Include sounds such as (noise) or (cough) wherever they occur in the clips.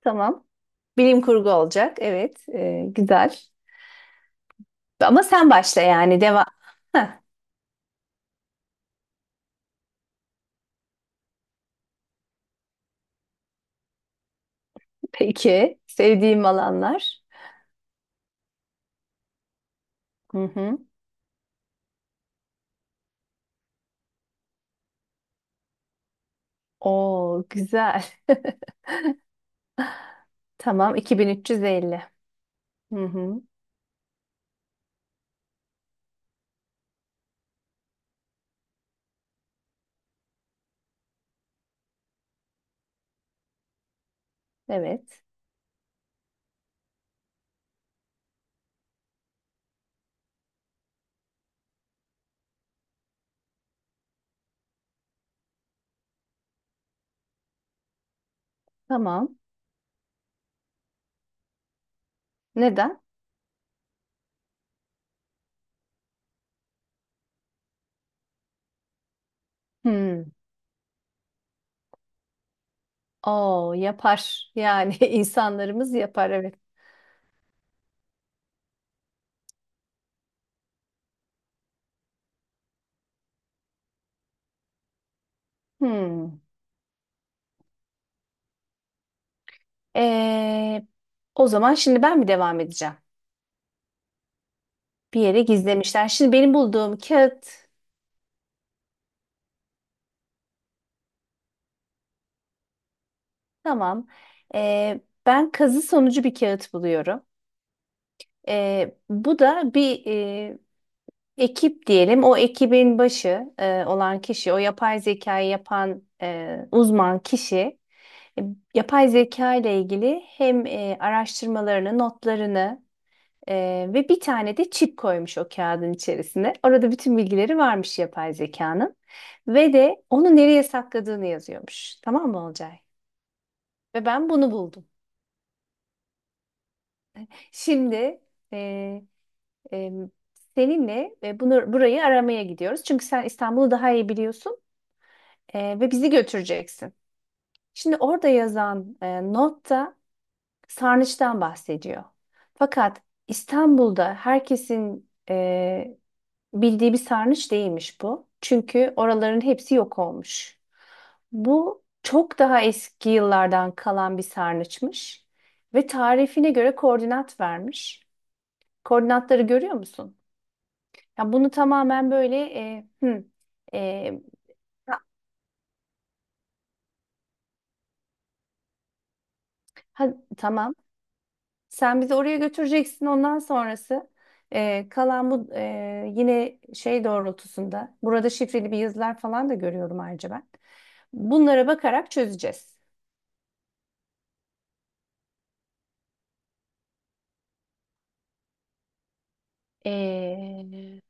Tamam. Bilim kurgu olacak. Evet. Güzel. Ama sen başla yani. Devam. Heh, peki. Sevdiğim alanlar. Hı hı. Oo, güzel. (laughs) Tamam. 2350. Hı hı. Evet. Tamam. Neden? Hmm. Oo, yapar. Yani (laughs) insanlarımız yapar. Evet. Hmm. Ee, O zaman şimdi ben mi devam edeceğim? Bir yere gizlemişler. Şimdi benim bulduğum kağıt. Tamam. Ben kazı sonucu bir kağıt buluyorum. Bu da bir ekip diyelim. O ekibin başı olan kişi, o yapay zekayı yapan uzman kişi, e, yapay zeka ile ilgili hem araştırmalarını, notlarını e, ve bir tane de çip koymuş o kağıdın içerisine. Orada bütün bilgileri varmış yapay zekanın ve de onu nereye sakladığını yazıyormuş. Tamam mı Olcay? Ve ben bunu buldum. Şimdi e, e, seninle bunu burayı aramaya gidiyoruz. Çünkü sen İstanbul'u daha iyi biliyorsun ve bizi götüreceksin. Şimdi orada yazan notta sarnıçtan bahsediyor. Fakat İstanbul'da herkesin bildiği bir sarnıç değilmiş bu. Çünkü oraların hepsi yok olmuş. Bu çok daha eski yıllardan kalan bir sarnıçmış ve tarifine göre koordinat vermiş. Koordinatları görüyor musun? Ya bunu tamamen böyle e, tamam. Sen bizi oraya götüreceksin. Ondan sonrası kalan bu yine şey doğrultusunda. Burada şifreli bir yazılar falan da görüyorum ayrıca ben. Bunlara bakarak çözeceğiz. E,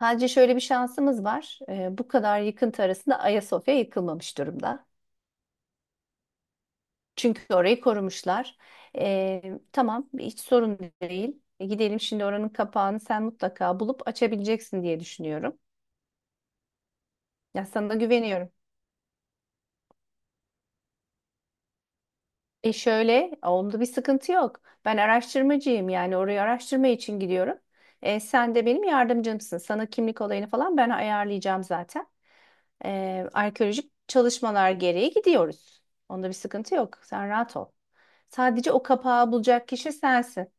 sadece şöyle bir şansımız var. E, bu kadar yıkıntı arasında Ayasofya yıkılmamış durumda. Çünkü orayı korumuşlar. Ee, tamam, hiç sorun değil. E, gidelim şimdi oranın kapağını sen mutlaka bulup açabileceksin diye düşünüyorum. Ya sana güveniyorum. E şöyle, onda bir sıkıntı yok. Ben araştırmacıyım yani orayı araştırma için gidiyorum. Sen de benim yardımcımsın. Sana kimlik olayını falan ben ayarlayacağım zaten. Arkeolojik çalışmalar gereği gidiyoruz. Onda bir sıkıntı yok. Sen rahat ol. Sadece o kapağı bulacak kişi sensin.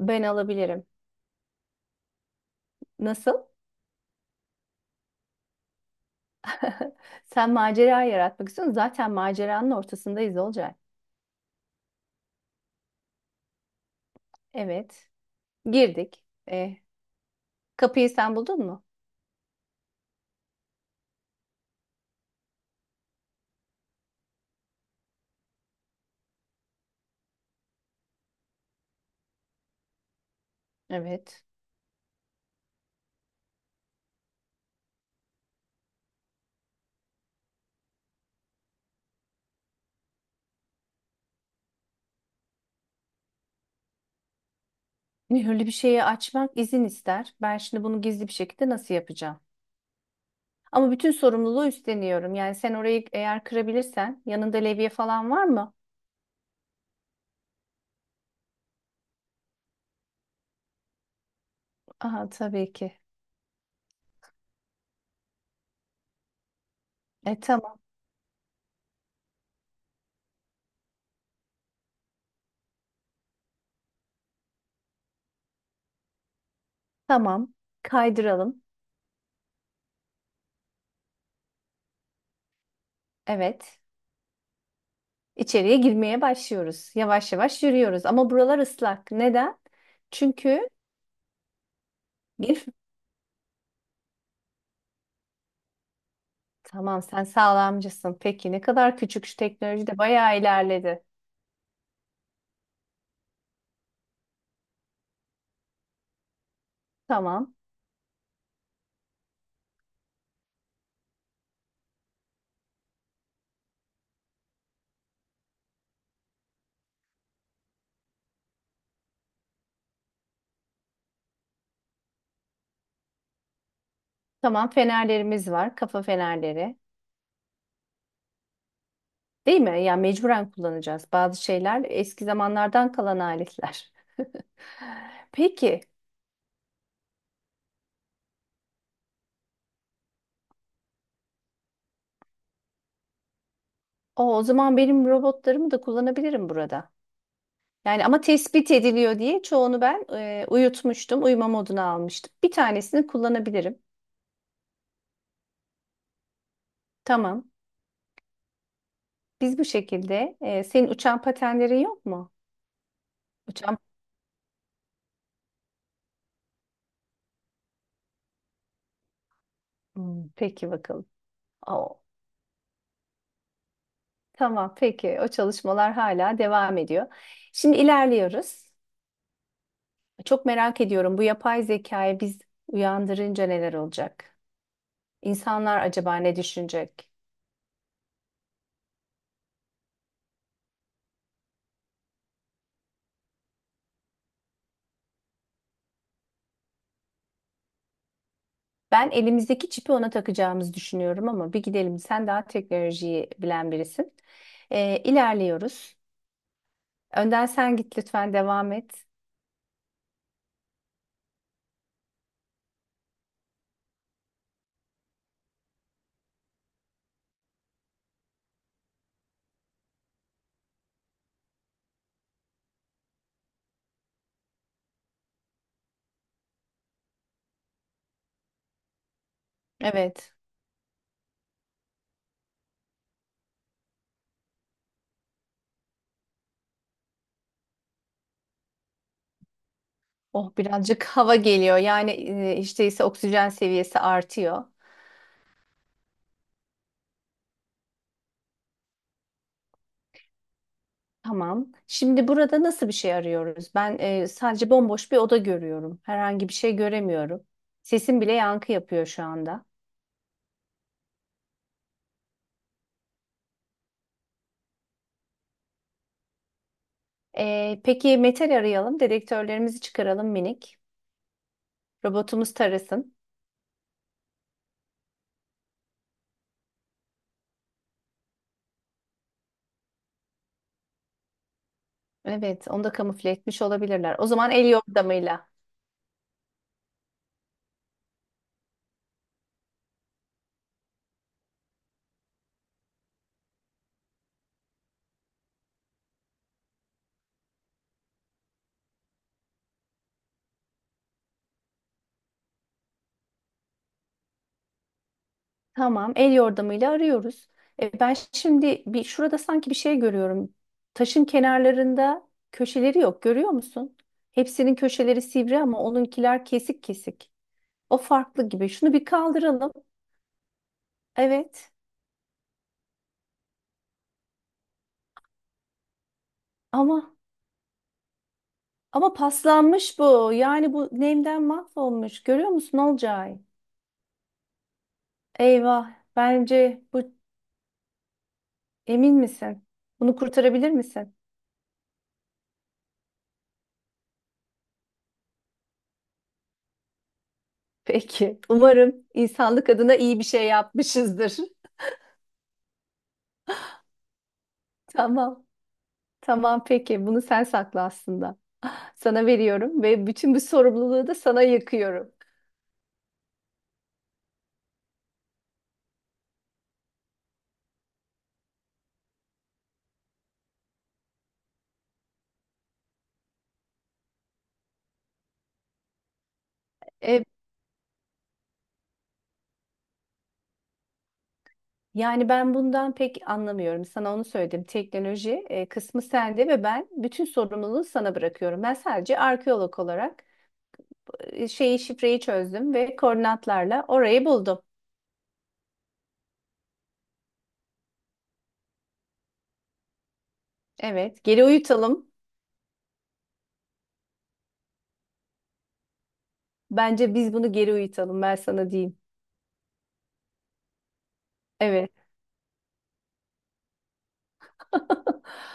Ben alabilirim. Nasıl? (laughs) Sen macera yaratmak istiyorsun. Zaten maceranın ortasındayız olacak. Evet. Girdik. E, Kapıyı sen buldun mu? Evet. Mühürlü bir şeyi açmak izin ister. Ben şimdi bunu gizli bir şekilde nasıl yapacağım? Ama bütün sorumluluğu üstleniyorum. Yani sen orayı eğer kırabilirsen yanında levye falan var mı? Aha tabii ki. E tamam. Tamam. Kaydıralım. Evet. İçeriye girmeye başlıyoruz. Yavaş yavaş yürüyoruz. Ama buralar ıslak. Neden? Çünkü (laughs) gir- Tamam sen sağlamcısın. Peki ne kadar küçük şu teknoloji de bayağı ilerledi. Tamam. Tamam fenerlerimiz var. Kafa fenerleri. Değil mi? Ya yani mecburen kullanacağız. Bazı şeyler eski zamanlardan kalan aletler. (laughs) Peki. O, o zaman benim robotlarımı da kullanabilirim burada. Yani ama tespit ediliyor diye çoğunu ben uyutmuştum. Uyuma moduna almıştım. Bir tanesini kullanabilirim. Tamam. Biz bu şekilde. E, senin uçan patenlerin yok mu? Uçan... Hmm, peki bakalım. Tamam, peki. O çalışmalar hala devam ediyor. Şimdi ilerliyoruz. Çok merak ediyorum bu yapay zekayı biz uyandırınca neler olacak? İnsanlar acaba ne düşünecek? Ben elimizdeki çipi ona takacağımızı düşünüyorum ama bir gidelim. Sen daha teknolojiyi bilen birisin. İlerliyoruz. Önden sen git lütfen devam et. Evet. Oh birazcık (laughs) hava geliyor. Yani hiç değilse oksijen seviyesi artıyor. Tamam. Şimdi burada nasıl bir şey arıyoruz? Ben sadece bomboş bir oda görüyorum. Herhangi bir şey göremiyorum. Sesim bile yankı yapıyor şu anda. E, peki metal arayalım. Dedektörlerimizi çıkaralım minik. Robotumuz tarasın. Evet, onu da kamufle etmiş olabilirler. O zaman el yordamıyla. Tamam, el yordamıyla arıyoruz. Ben şimdi bir şurada sanki bir şey görüyorum. Taşın kenarlarında köşeleri yok. Görüyor musun? Hepsinin köşeleri sivri ama onunkiler kesik kesik. O farklı gibi. Şunu bir kaldıralım. Evet. Ama ama paslanmış bu. Yani bu nemden mahvolmuş. Görüyor musun Olcay? Eyvah. Bence bu emin misin? Bunu kurtarabilir misin? Peki. Umarım insanlık adına iyi bir şey yapmışızdır. (laughs) Tamam. Tamam peki. Bunu sen sakla aslında. Sana veriyorum ve bütün bu sorumluluğu da sana yıkıyorum. E, Yani ben bundan pek anlamıyorum. Sana onu söyledim. Teknoloji kısmı sende ve ben bütün sorumluluğu sana bırakıyorum. Ben sadece arkeolog olarak şeyi şifreyi çözdüm ve koordinatlarla orayı buldum. Evet, geri uyutalım. Bence biz bunu geri uyutalım. Ben sana diyeyim. Evet. (laughs)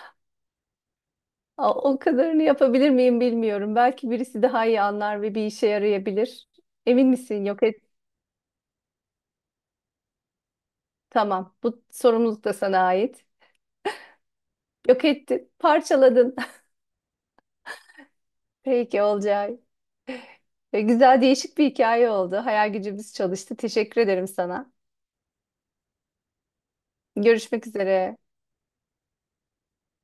A- O kadarını yapabilir miyim bilmiyorum. Belki birisi daha iyi anlar ve bir işe yarayabilir. Emin misin? Yok et. Tamam. Bu sorumluluk da sana ait. Yok ettin, parçaladın. (laughs) Peki olacak. E, güzel değişik bir hikaye oldu. Hayal gücümüz çalıştı. Teşekkür ederim sana. Görüşmek üzere.